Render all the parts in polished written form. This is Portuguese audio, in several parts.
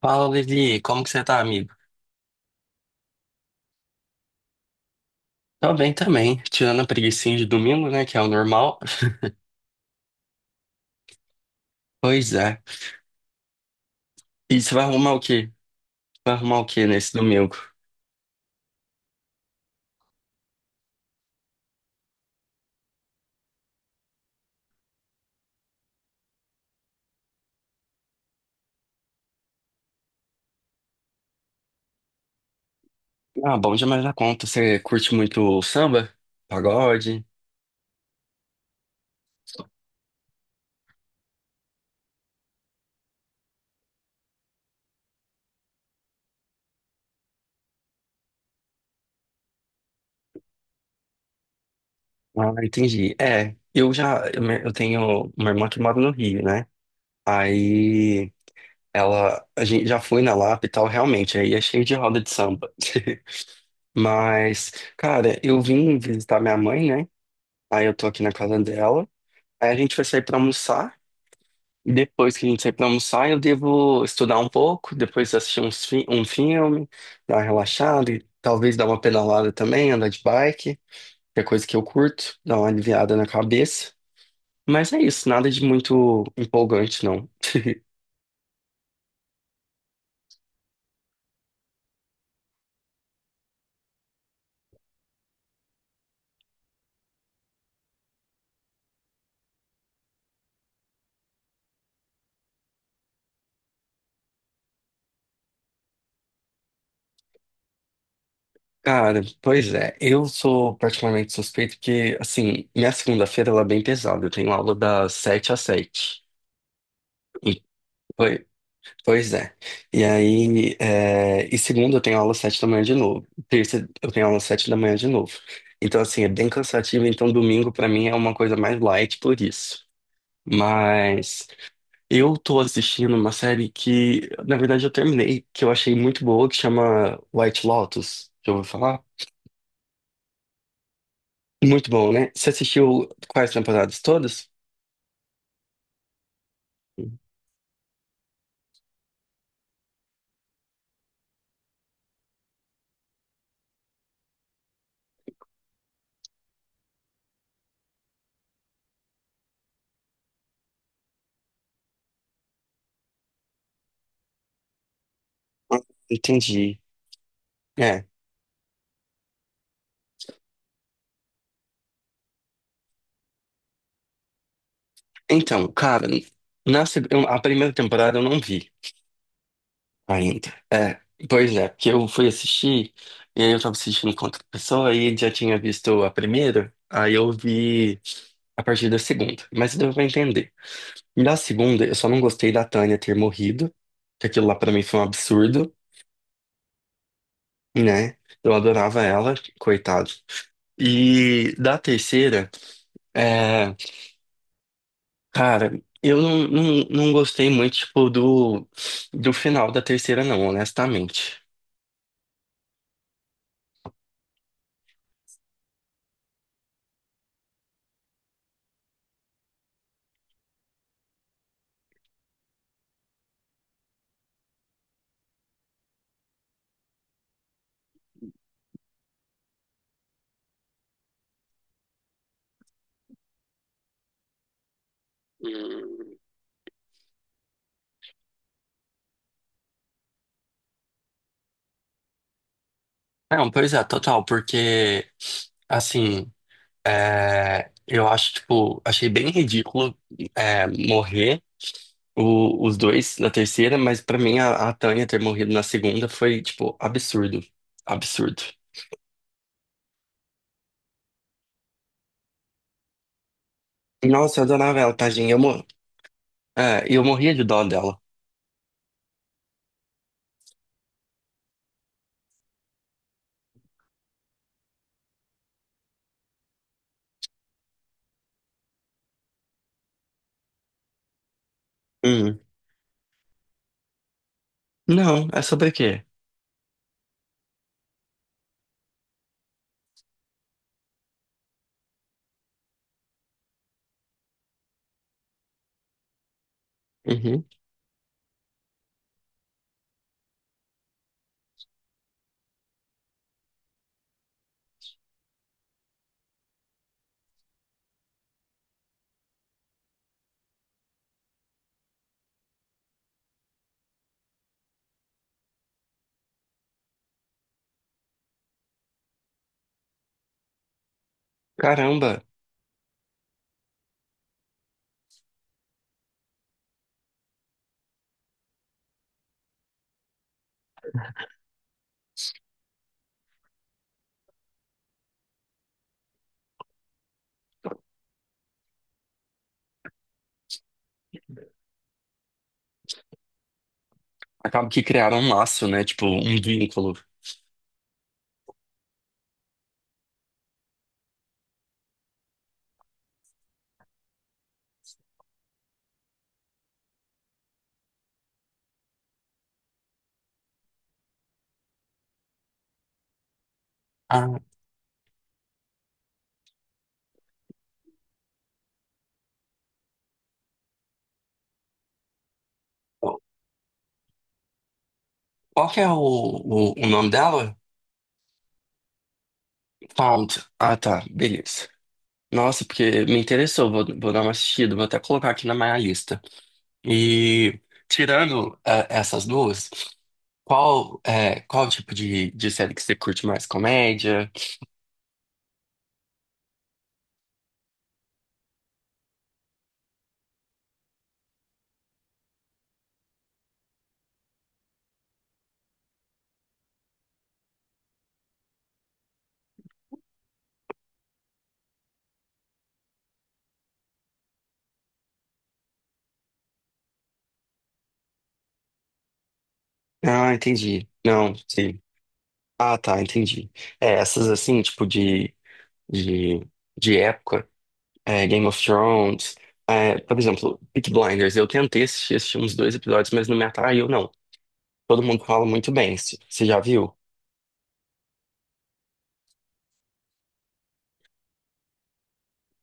Fala, Levi, como que você tá, amigo? Tô bem também, tirando a preguicinha de domingo, né, que é o normal. Pois é. E você vai arrumar o quê? Vai arrumar o quê nesse domingo? Ah, bom demais da conta. Você curte muito samba? Pagode? Ah, entendi. É, eu já, eu, me- Eu tenho uma irmã que mora no Rio, né? Aí, ela, a gente já foi na Lapa e tal, realmente, aí é cheio de roda de samba. Mas, cara, eu vim visitar minha mãe, né? Aí eu tô aqui na casa dela. Aí a gente vai sair pra almoçar. E depois que a gente sair pra almoçar, eu devo estudar um pouco, depois assistir um filme, dar uma relaxada e talvez dar uma pedalada também, andar de bike, que é coisa que eu curto, dar uma aliviada na cabeça. Mas é isso, nada de muito empolgante, não. Cara, pois é, eu sou particularmente suspeito porque, assim, minha segunda-feira ela é bem pesada, eu tenho aula das 7 às 7. Pois é. E aí, é, e segunda eu tenho aula às 7 da manhã de novo. Terça eu tenho aula às 7 da manhã de novo. Então, assim, é bem cansativo. Então, domingo pra mim é uma coisa mais light por isso. Mas eu tô assistindo uma série que, na verdade, eu terminei, que eu achei muito boa, que chama White Lotus. Já ouviu falar? Muito bom, né? Você assistiu quais temporadas todas? Sim. Ah, entendi. É. Então, cara, a primeira temporada eu não vi ainda. É, pois é, porque eu fui assistir, e aí eu tava assistindo com outra pessoa, aí já tinha visto a primeira, aí eu vi a partir da segunda. Mas deu pra entender. E da segunda, eu só não gostei da Tânia ter morrido, que aquilo lá pra mim foi um absurdo, né? Eu adorava ela, coitado. E da terceira, é, cara, eu não, não, não gostei muito, tipo, do final da terceira, não, honestamente. Hum. Não, pois é, total, porque, assim, é, eu acho, tipo, achei bem ridículo, é, morrer os dois na terceira, mas pra mim a Tânia ter morrido na segunda foi, tipo, absurdo. Absurdo. Nossa, eu adorava ela, tadinha. Eu morria de dó dela. Hum. Não, é sobre o quê? Uhum. Caramba, acaba que criaram um laço, né? Tipo, um vínculo. Ah, qual que é o nome dela? Found. Ah, tá, beleza. Nossa, porque me interessou, vou, vou dar uma assistida, vou até colocar aqui na minha lista. E tirando essas duas. Qual, é, qual tipo de série que você curte mais? Comédia? Ah, entendi. Não, sim. Ah, tá, entendi. É, essas assim, tipo de, de época, é, Game of Thrones, é, por exemplo, Peaky Blinders. Eu tentei assistir, assisti uns dois episódios, mas não me atraiu, não. Todo mundo fala muito bem, você já viu?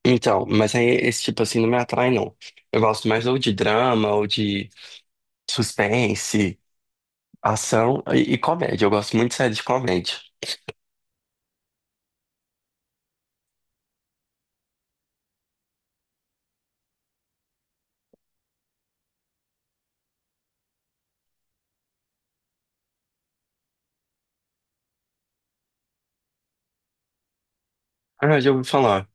Então, mas aí esse tipo assim não me atrai, não. Eu gosto mais ou de drama, ou de suspense, ação e comédia. Eu gosto muito de série de comédia. Ah, já ouvi falar.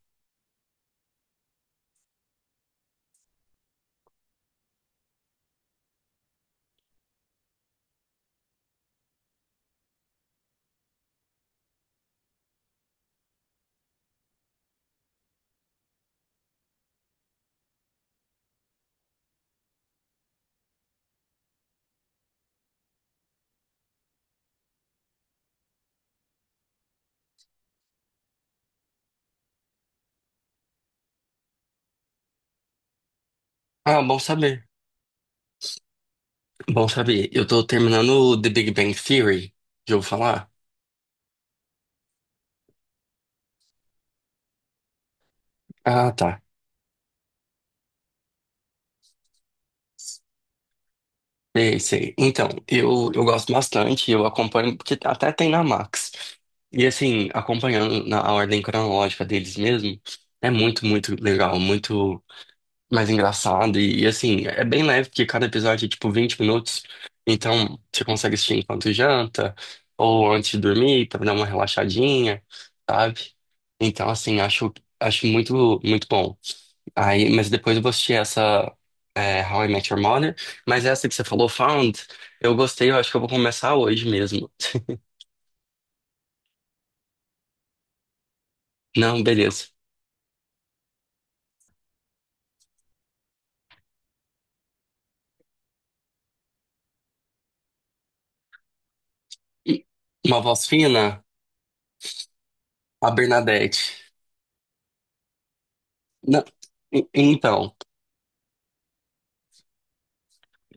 Ah, bom saber. Bom saber. Eu tô terminando o The Big Bang Theory. Já ouviu falar? Ah, tá. Sei, sei. Então, eu gosto bastante, eu acompanho, porque até tem na Max. E assim, acompanhando na a ordem cronológica deles mesmo, é muito, muito legal, muito mais engraçado. E, assim, é bem leve, porque cada episódio é tipo 20 minutos. Então você consegue assistir enquanto janta, ou antes de dormir, pra dar uma relaxadinha, sabe? Então, assim, acho, acho muito, muito bom. Aí, mas depois eu vou assistir essa é, How I Met Your Mother. Mas essa que você falou, Found, eu gostei, eu acho que eu vou começar hoje mesmo. Não, beleza. E uma voz fina, a Bernadette. Não, e- então.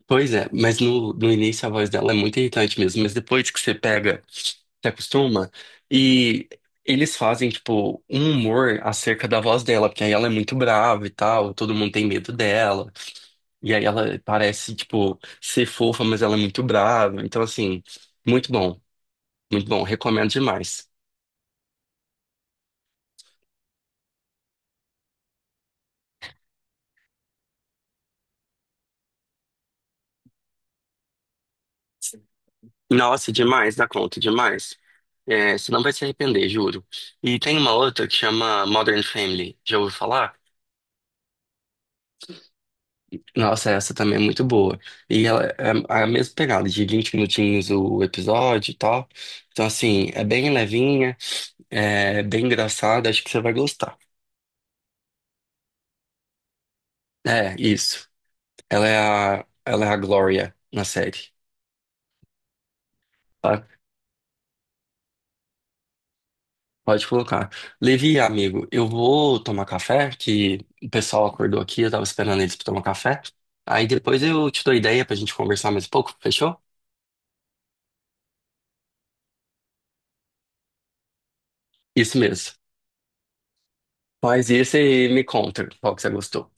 Pois é, mas no início a voz dela é muito irritante mesmo, mas depois que você pega, se acostuma, e eles fazem, tipo, um humor acerca da voz dela, porque aí ela é muito brava e tal, todo mundo tem medo dela, e aí ela parece, tipo, ser fofa, mas ela é muito brava, então, assim, muito bom, muito bom, recomendo demais. Nossa, demais, dá conta, demais. É, você não vai se arrepender, juro. E tem uma outra que chama Modern Family, já ouviu falar? Nossa, essa também é muito boa. E ela é É a mesma pegada, de 20 minutinhos o episódio e tal. Então, assim, é bem levinha, é bem engraçada, acho que você vai gostar. É, isso. Ela é ela é a Glória na série, tá? Pode colocar. Levi, amigo, eu vou tomar café, que o pessoal acordou aqui, eu tava esperando eles pra tomar café. Aí depois eu te dou ideia pra gente conversar mais um pouco, fechou? Isso mesmo. Faz isso e me conta qual que você gostou.